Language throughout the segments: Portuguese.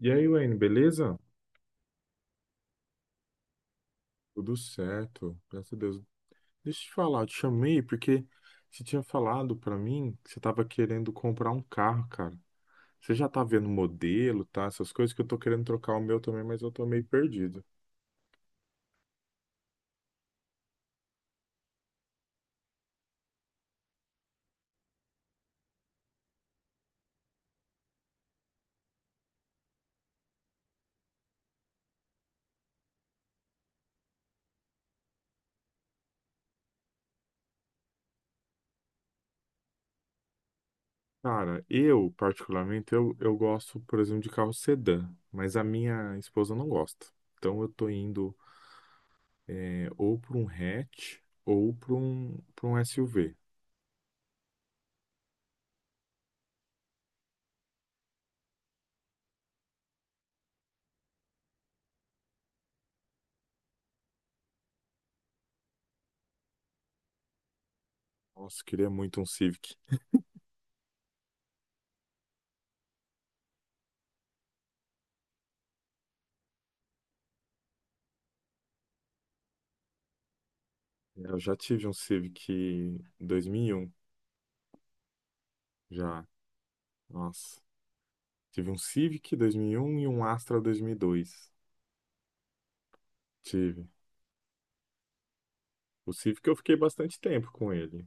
E aí, Wayne, beleza? Tudo certo, graças a Deus. Deixa eu te falar, eu te chamei porque você tinha falado pra mim que você tava querendo comprar um carro, cara. Você já tá vendo o modelo, tá? Essas coisas que eu tô querendo trocar o meu também, mas eu tô meio perdido. Cara, eu, particularmente, eu gosto, por exemplo, de carro sedã, mas a minha esposa não gosta. Então eu tô indo é, ou pra um hatch ou pra um SUV. Nossa, eu queria muito um Civic. Eu já tive um Civic em 2001. Já. Nossa. Tive um Civic dois mil e um Astra dois mil e dois. Tive. O Civic eu fiquei bastante tempo com ele.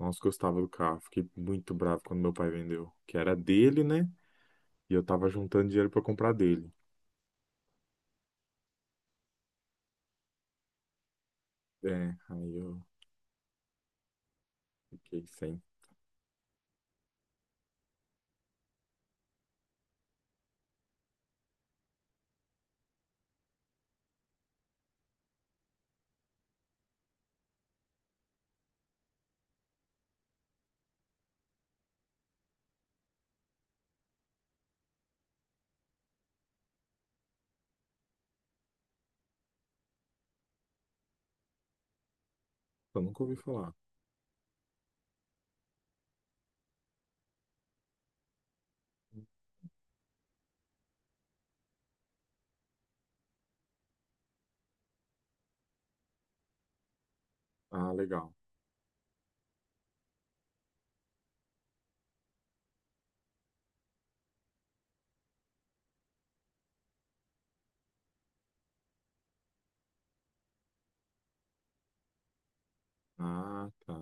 Nossa, gostava do carro. Fiquei muito bravo quando meu pai vendeu. Que era dele, né? E eu tava juntando dinheiro pra comprar dele. É, aí eu fiquei sem. Eu nunca ouvi falar. Ah, legal. Ah, tá.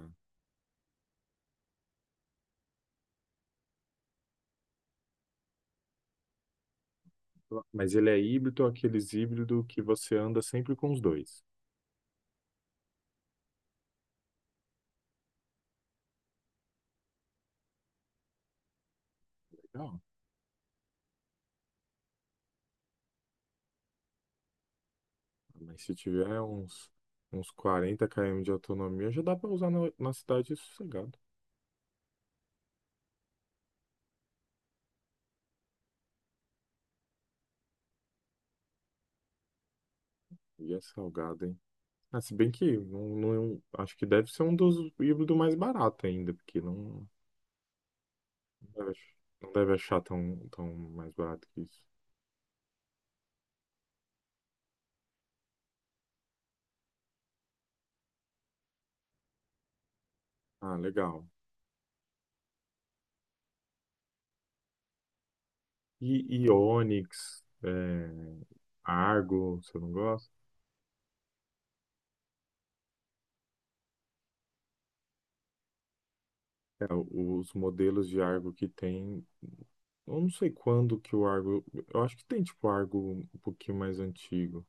Mas ele é híbrido, aqueles híbrido que você anda sempre com os dois. Legal. Mas se tiver uns, uns 40 km de autonomia, já dá pra usar na, na cidade sossegado. E é salgado, hein? Ah, se bem que não, é um, acho que deve ser um dos híbridos mais barato ainda, porque não, não deve, não deve achar tão, tão mais barato que isso. Ah, legal. E Ionix, é, Argo, você não gosta? É, os modelos de Argo que tem. Eu não sei quando que o Argo. Eu acho que tem tipo Argo um pouquinho mais antigo.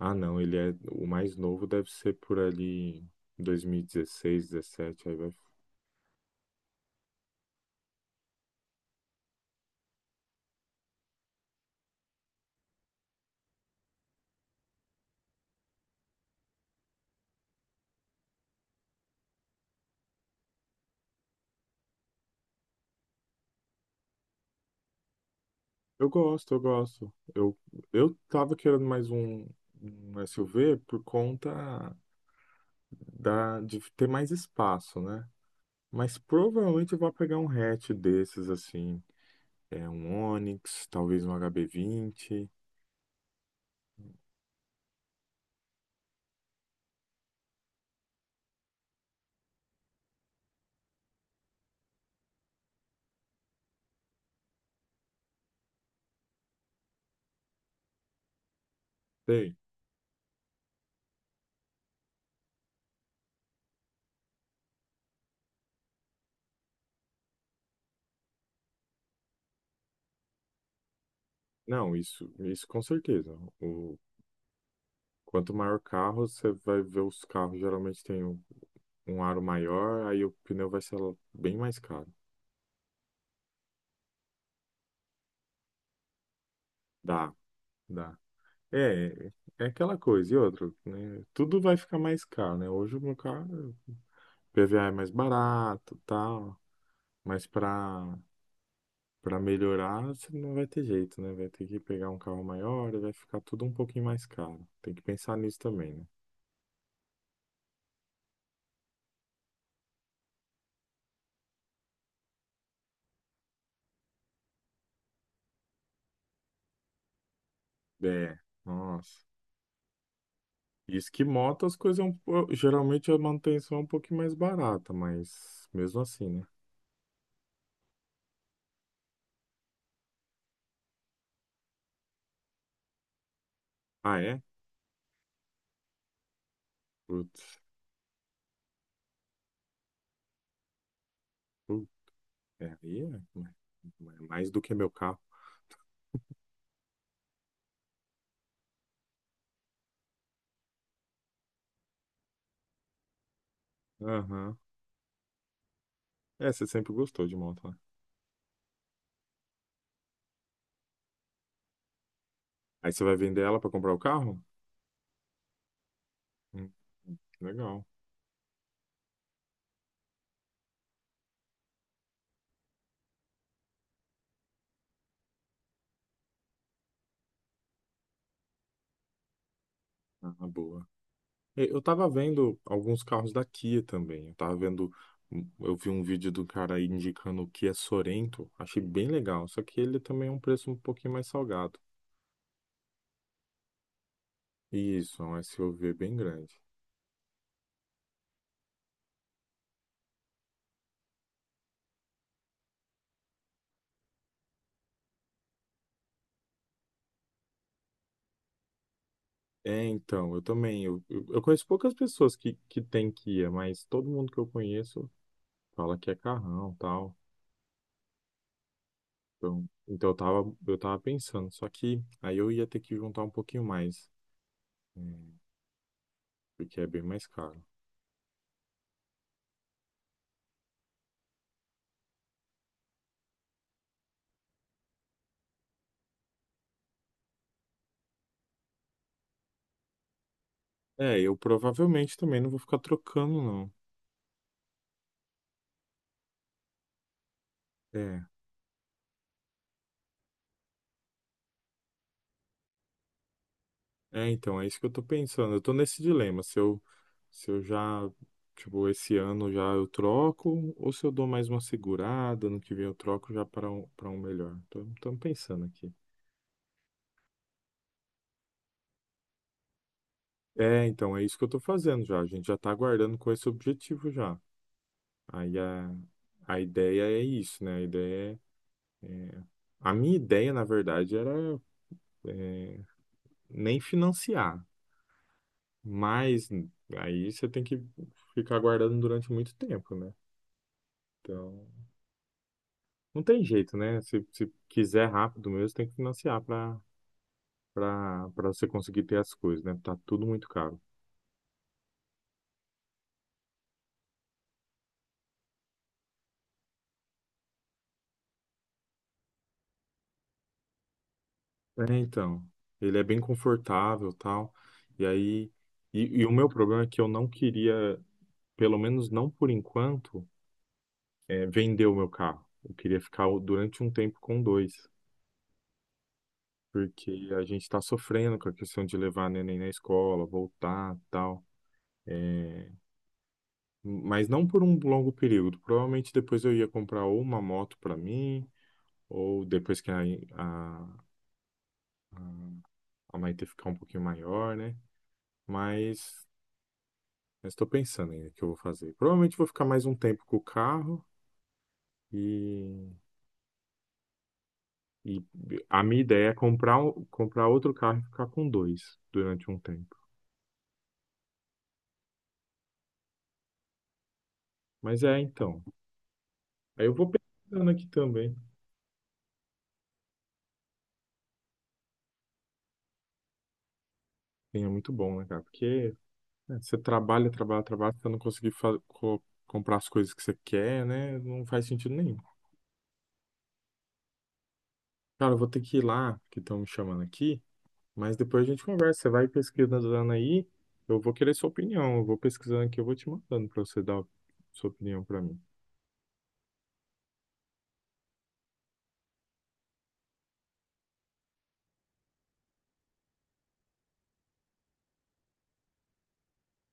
Ah, não, ele é. O mais novo deve ser por ali 2016, 17, aí vai. Eu gosto. Eu tava querendo mais um, um SUV por conta da, de ter mais espaço, né? Mas provavelmente eu vou pegar um hatch desses, assim. É um Onix, talvez um HB20. Sei. Não, isso com certeza. O, quanto maior o carro, você vai ver os carros geralmente tem um, um aro maior, aí o pneu vai ser bem mais caro. Dá, dá. É, é aquela coisa. E outra, né? Tudo vai ficar mais caro, né? Hoje o meu carro, o PVA é mais barato, tal, mas para melhorar, você não vai ter jeito, né? Vai ter que pegar um carro maior e vai ficar tudo um pouquinho mais caro. Tem que pensar nisso também, né? É, nossa. Isso que moto, as coisas, é um geralmente a manutenção é um pouquinho mais barata, mas mesmo assim, né? Ah, é? Putz, putz, é, aí é mais do que meu carro. Aham. É, você sempre gostou de moto, né? Aí você vai vender ela pra comprar o carro? Hum, legal. Ah, boa. E eu tava vendo alguns carros da Kia também. Eu tava vendo. Eu vi um vídeo do cara aí indicando o Kia Sorento. Achei bem legal. Só que ele também é um preço um pouquinho mais salgado. Isso, é um SUV bem grande. É, então, eu também. Eu conheço poucas pessoas que têm Kia, mas todo mundo que eu conheço fala que é carrão, tal. Então, então eu tava pensando, só que aí eu ia ter que juntar um pouquinho mais, hum, porque é bem mais caro. É, eu provavelmente também não vou ficar trocando, não. É, então, é isso que eu tô pensando. Eu tô nesse dilema, se eu, se eu já, tipo, esse ano já eu troco, ou se eu dou mais uma segurada, ano que vem eu troco já para um melhor. Tô pensando aqui. É, então, é isso que eu tô fazendo já. A gente já tá aguardando com esse objetivo já. Aí a ideia é isso, né? A ideia é é. A minha ideia, na verdade, era é, nem financiar, mas aí você tem que ficar guardando durante muito tempo, né? Então, não tem jeito, né? Se quiser rápido mesmo, tem que financiar para você conseguir ter as coisas, né? Tá tudo muito caro. É, então, ele é bem confortável, tal. E aí, e o meu problema é que eu não queria, pelo menos não por enquanto, vender o meu carro. Eu queria ficar durante um tempo com dois. Porque a gente está sofrendo com a questão de levar neném na escola, voltar, tal. É, mas não por um longo período. Provavelmente depois eu ia comprar ou uma moto para mim, ou depois que a, a Maite ficar um pouquinho maior, né? Mas estou pensando ainda o que eu vou fazer. Provavelmente vou ficar mais um tempo com o carro e, e a minha ideia é comprar, comprar outro carro e ficar com dois durante um tempo. Mas é, então. Aí eu vou pensando aqui também. Sim, é muito bom, né, cara? Porque né, você trabalha, trabalha, trabalha, você não conseguir comprar as coisas que você quer, né? Não faz sentido nenhum. Cara, eu vou ter que ir lá, que estão me chamando aqui, mas depois a gente conversa. Você vai pesquisando aí, eu vou querer sua opinião. Eu vou pesquisando aqui, eu vou te mandando pra você dar sua opinião pra mim.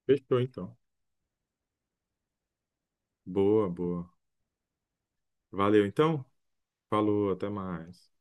Fechou, então. Boa, boa. Valeu, então. Falou, até mais.